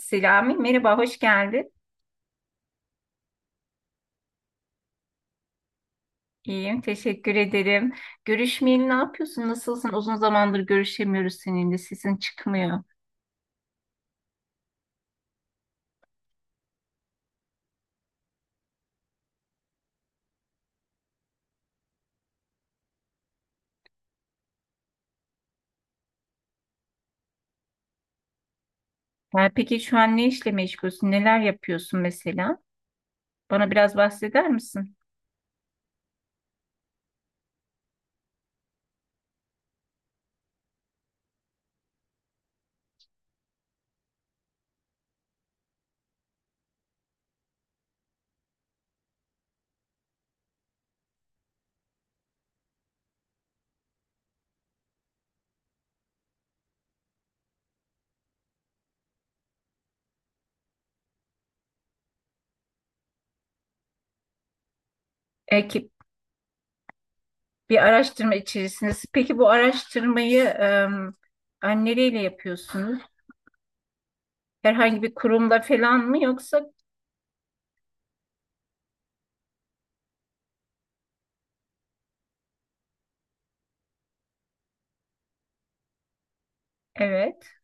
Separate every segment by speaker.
Speaker 1: Selami, merhaba, hoş geldin. İyiyim, teşekkür ederim. Görüşmeyeli ne yapıyorsun, nasılsın? Uzun zamandır görüşemiyoruz seninle, sesin çıkmıyor. Yani peki şu an ne işle meşgulsün, neler yapıyorsun mesela? Bana biraz bahseder misin? Ekip bir araştırma içerisindesin. Peki bu araştırmayı hani nereyle yapıyorsunuz? Herhangi bir kurumla falan mı yoksa? Evet,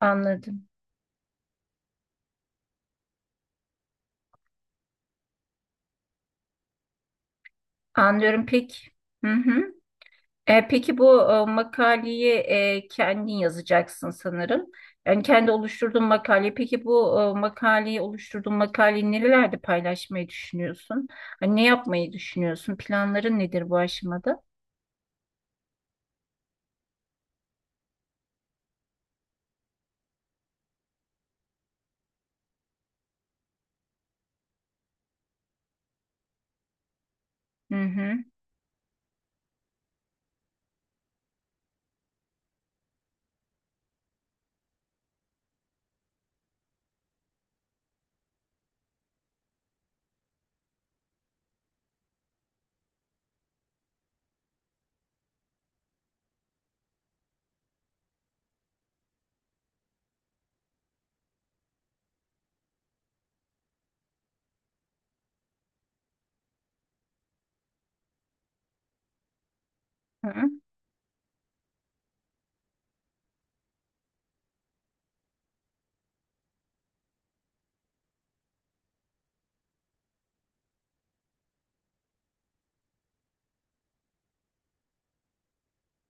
Speaker 1: anladım. Anlıyorum peki. Hı hı. Peki bu makaleyi kendin yazacaksın sanırım. Yani kendi oluşturduğun makale. Peki bu makaleyi oluşturduğun makaleyi nerelerde paylaşmayı düşünüyorsun? Hani ne yapmayı düşünüyorsun? Planların nedir bu aşamada? Hı hı. Hı.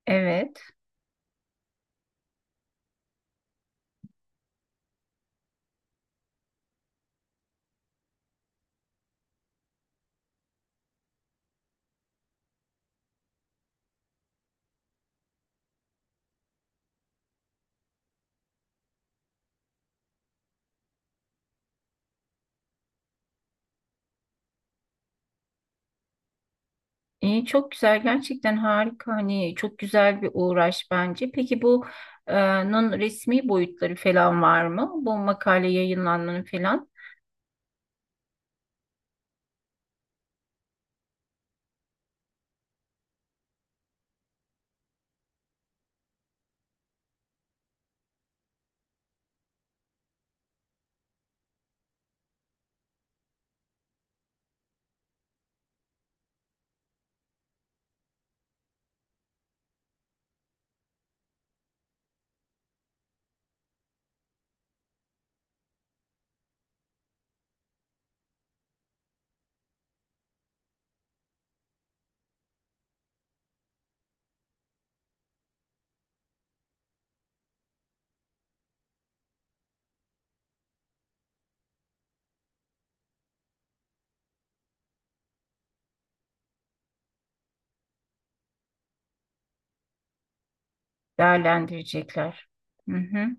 Speaker 1: Evet. İyi, çok güzel. Gerçekten harika. Hani çok güzel bir uğraş bence. Peki bu nun resmi boyutları falan var mı? Bu makale yayınlanmanı falan değerlendirecekler. Hı hı.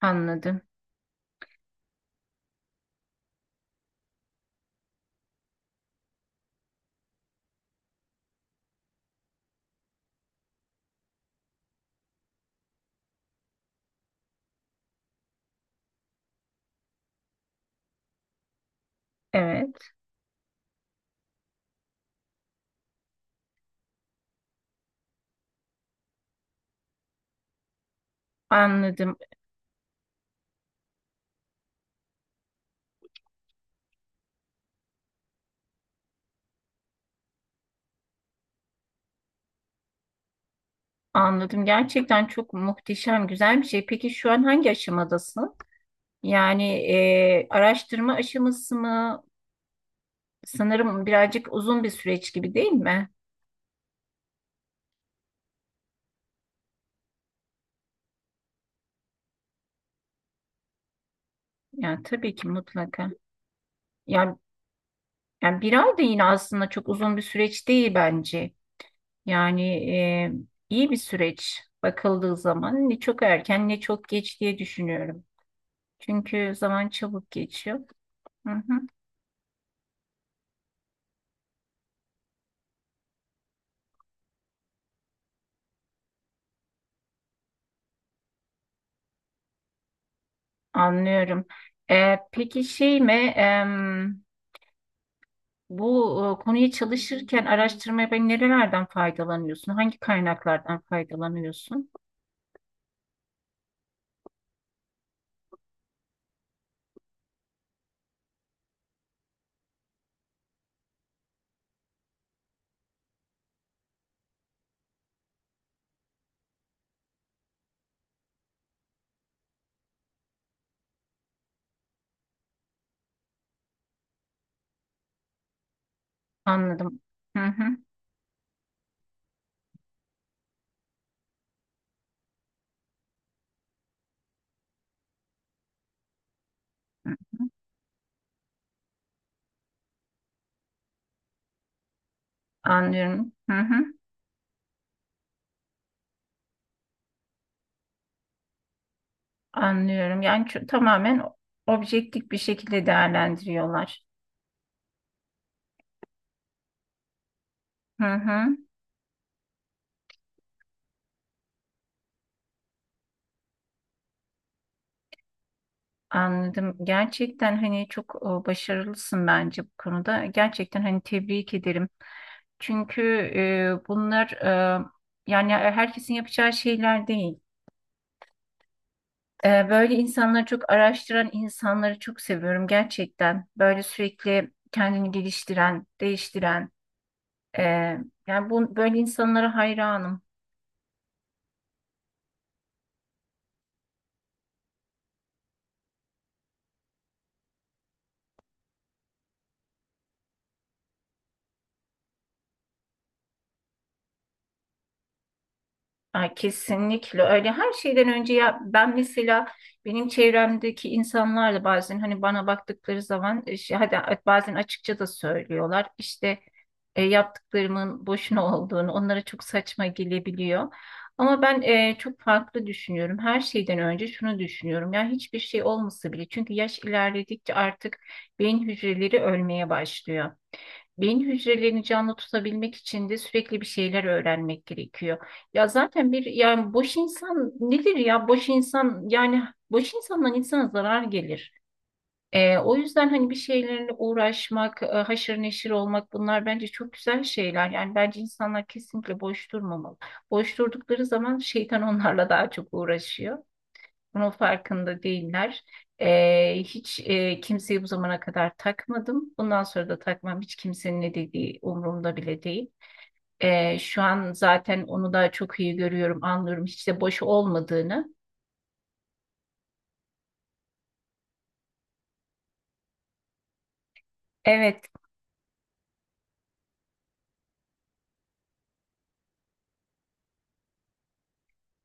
Speaker 1: Anladım. Evet. Anladım, anladım. Gerçekten çok muhteşem, güzel bir şey. Peki şu an hangi aşamadasın? Yani araştırma aşaması mı? Sanırım birazcık uzun bir süreç gibi değil mi? Yani tabii ki mutlaka. Yani, yani bir ay da yine aslında çok uzun bir süreç değil bence. Yani e, iyi bir süreç bakıldığı zaman ne çok erken ne çok geç diye düşünüyorum. Çünkü zaman çabuk geçiyor. Hı hı, anlıyorum. Peki şey mi? Bu konuyu çalışırken, araştırmaya ben nerelerden faydalanıyorsun? Hangi kaynaklardan faydalanıyorsun? Anladım. Hı hı. Hı hı. Anlıyorum. Hı hı. Anlıyorum. Yani tamamen objektif bir şekilde değerlendiriyorlar. Hı hı. Anladım. Gerçekten hani çok başarılısın bence bu konuda. Gerçekten hani tebrik ederim. Çünkü bunlar yani herkesin yapacağı şeyler değil. Böyle insanları çok araştıran insanları çok seviyorum gerçekten. Böyle sürekli kendini geliştiren, değiştiren. e, Yani bu, böyle insanlara hayranım. Ay, kesinlikle öyle. Her şeyden önce ya ben mesela benim çevremdeki insanlarla bazen hani bana baktıkları zaman şey, hadi bazen açıkça da söylüyorlar. İşte yaptıklarımın boşuna olduğunu onlara çok saçma gelebiliyor. Ama ben çok farklı düşünüyorum. Her şeyden önce şunu düşünüyorum. Ya hiçbir şey olmasa bile çünkü yaş ilerledikçe artık beyin hücreleri ölmeye başlıyor. Beyin hücrelerini canlı tutabilmek için de sürekli bir şeyler öğrenmek gerekiyor. Ya zaten bir yani boş insan nedir ya boş insan yani boş insandan insana zarar gelir. O yüzden hani bir şeylerle uğraşmak, haşır neşir olmak bunlar bence çok güzel şeyler. Yani bence insanlar kesinlikle boş durmamalı. Boş durdukları zaman şeytan onlarla daha çok uğraşıyor. Bunun farkında değiller. Hiç kimseyi bu zamana kadar takmadım. Bundan sonra da takmam. Hiç kimsenin ne dediği umurumda bile değil. Şu an zaten onu da çok iyi görüyorum, anlıyorum hiç de boş olmadığını. Evet,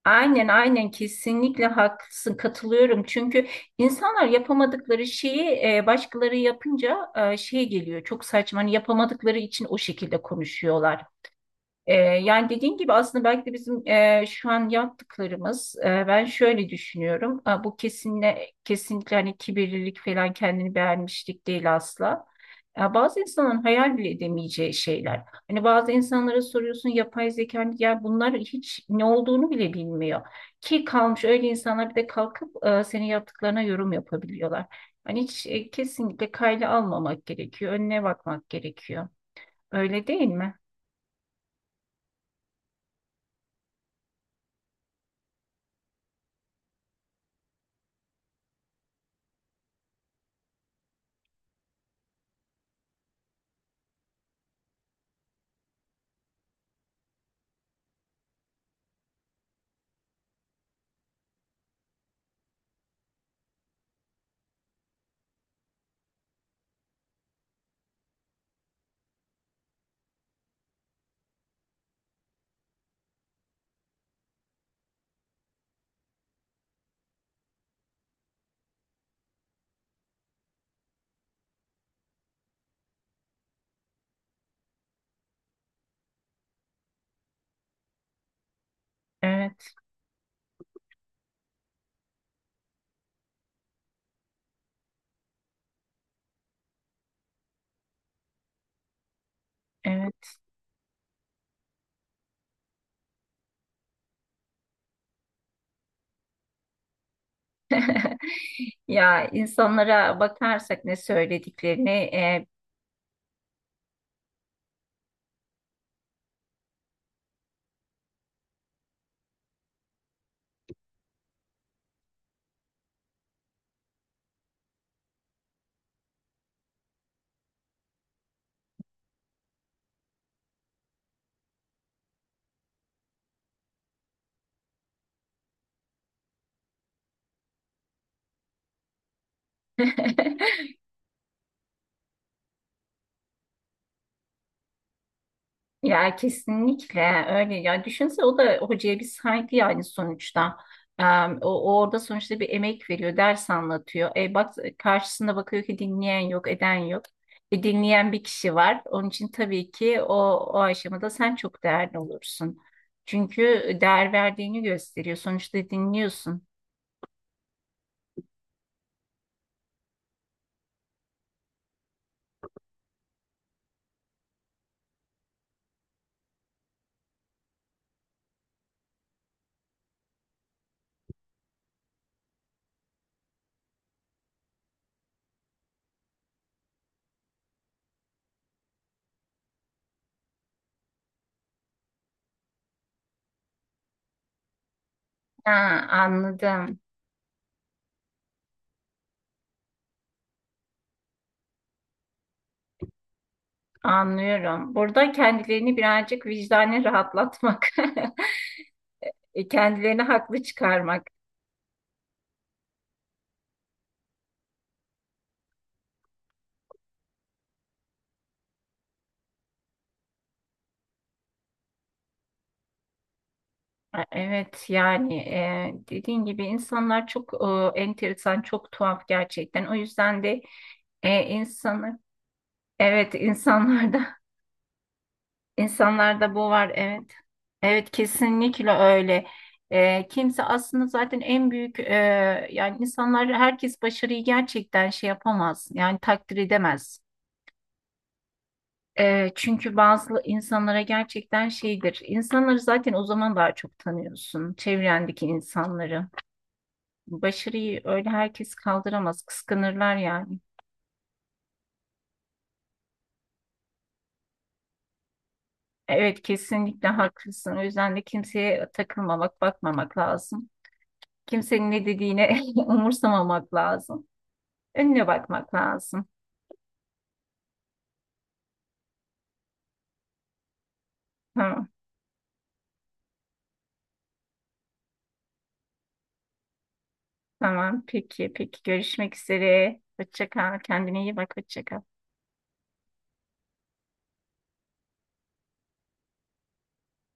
Speaker 1: aynen aynen kesinlikle haklısın, katılıyorum. Çünkü insanlar yapamadıkları şeyi başkaları yapınca şey geliyor, çok saçma. Hani yapamadıkları için o şekilde konuşuyorlar. Yani dediğin gibi aslında belki de bizim şu an yaptıklarımız ben şöyle düşünüyorum. Ha, bu kesinlikle hani kibirlilik falan kendini beğenmişlik değil asla. Ya bazı insanların hayal bile edemeyeceği şeyler. Hani bazı insanlara soruyorsun yapay zeka hani ya bunlar hiç ne olduğunu bile bilmiyor. Ki kalmış öyle insanlar bir de kalkıp senin yaptıklarına yorum yapabiliyorlar. Hani hiç kesinlikle kayda almamak gerekiyor. Önüne bakmak gerekiyor. Öyle değil mi? Evet, evet. Ya insanlara bakarsak ne söylediklerini... Ya kesinlikle öyle, ya düşünse o da hocaya bir saygı yani sonuçta. E, o orada sonuçta bir emek veriyor, ders anlatıyor. Bak karşısında bakıyor ki dinleyen yok eden yok, dinleyen bir kişi var onun için tabii ki o aşamada sen çok değerli olursun. Çünkü değer verdiğini gösteriyor. Sonuçta dinliyorsun. Ha, anladım. Anlıyorum. Burada kendilerini birazcık vicdanen rahatlatmak, kendilerini haklı çıkarmak. Evet yani dediğin gibi insanlar çok enteresan, çok tuhaf gerçekten. O yüzden de insanı evet insanlarda insanlarda bu var, evet. Evet kesinlikle öyle. Kimse aslında zaten en büyük yani insanlar herkes başarıyı gerçekten şey yapamaz. Yani takdir edemez. Çünkü bazı insanlara gerçekten şeydir. İnsanları zaten o zaman daha çok tanıyorsun. Çevrendeki insanları. Başarıyı öyle herkes kaldıramaz, kıskanırlar yani. Evet, kesinlikle haklısın. O yüzden de kimseye takılmamak, bakmamak lazım. Kimsenin ne dediğine umursamamak lazım. Önüne bakmak lazım. Tamam, tamam. Peki, peki. Görüşmek üzere. Hoşça kal. Kendine iyi bak. Hoşça kal.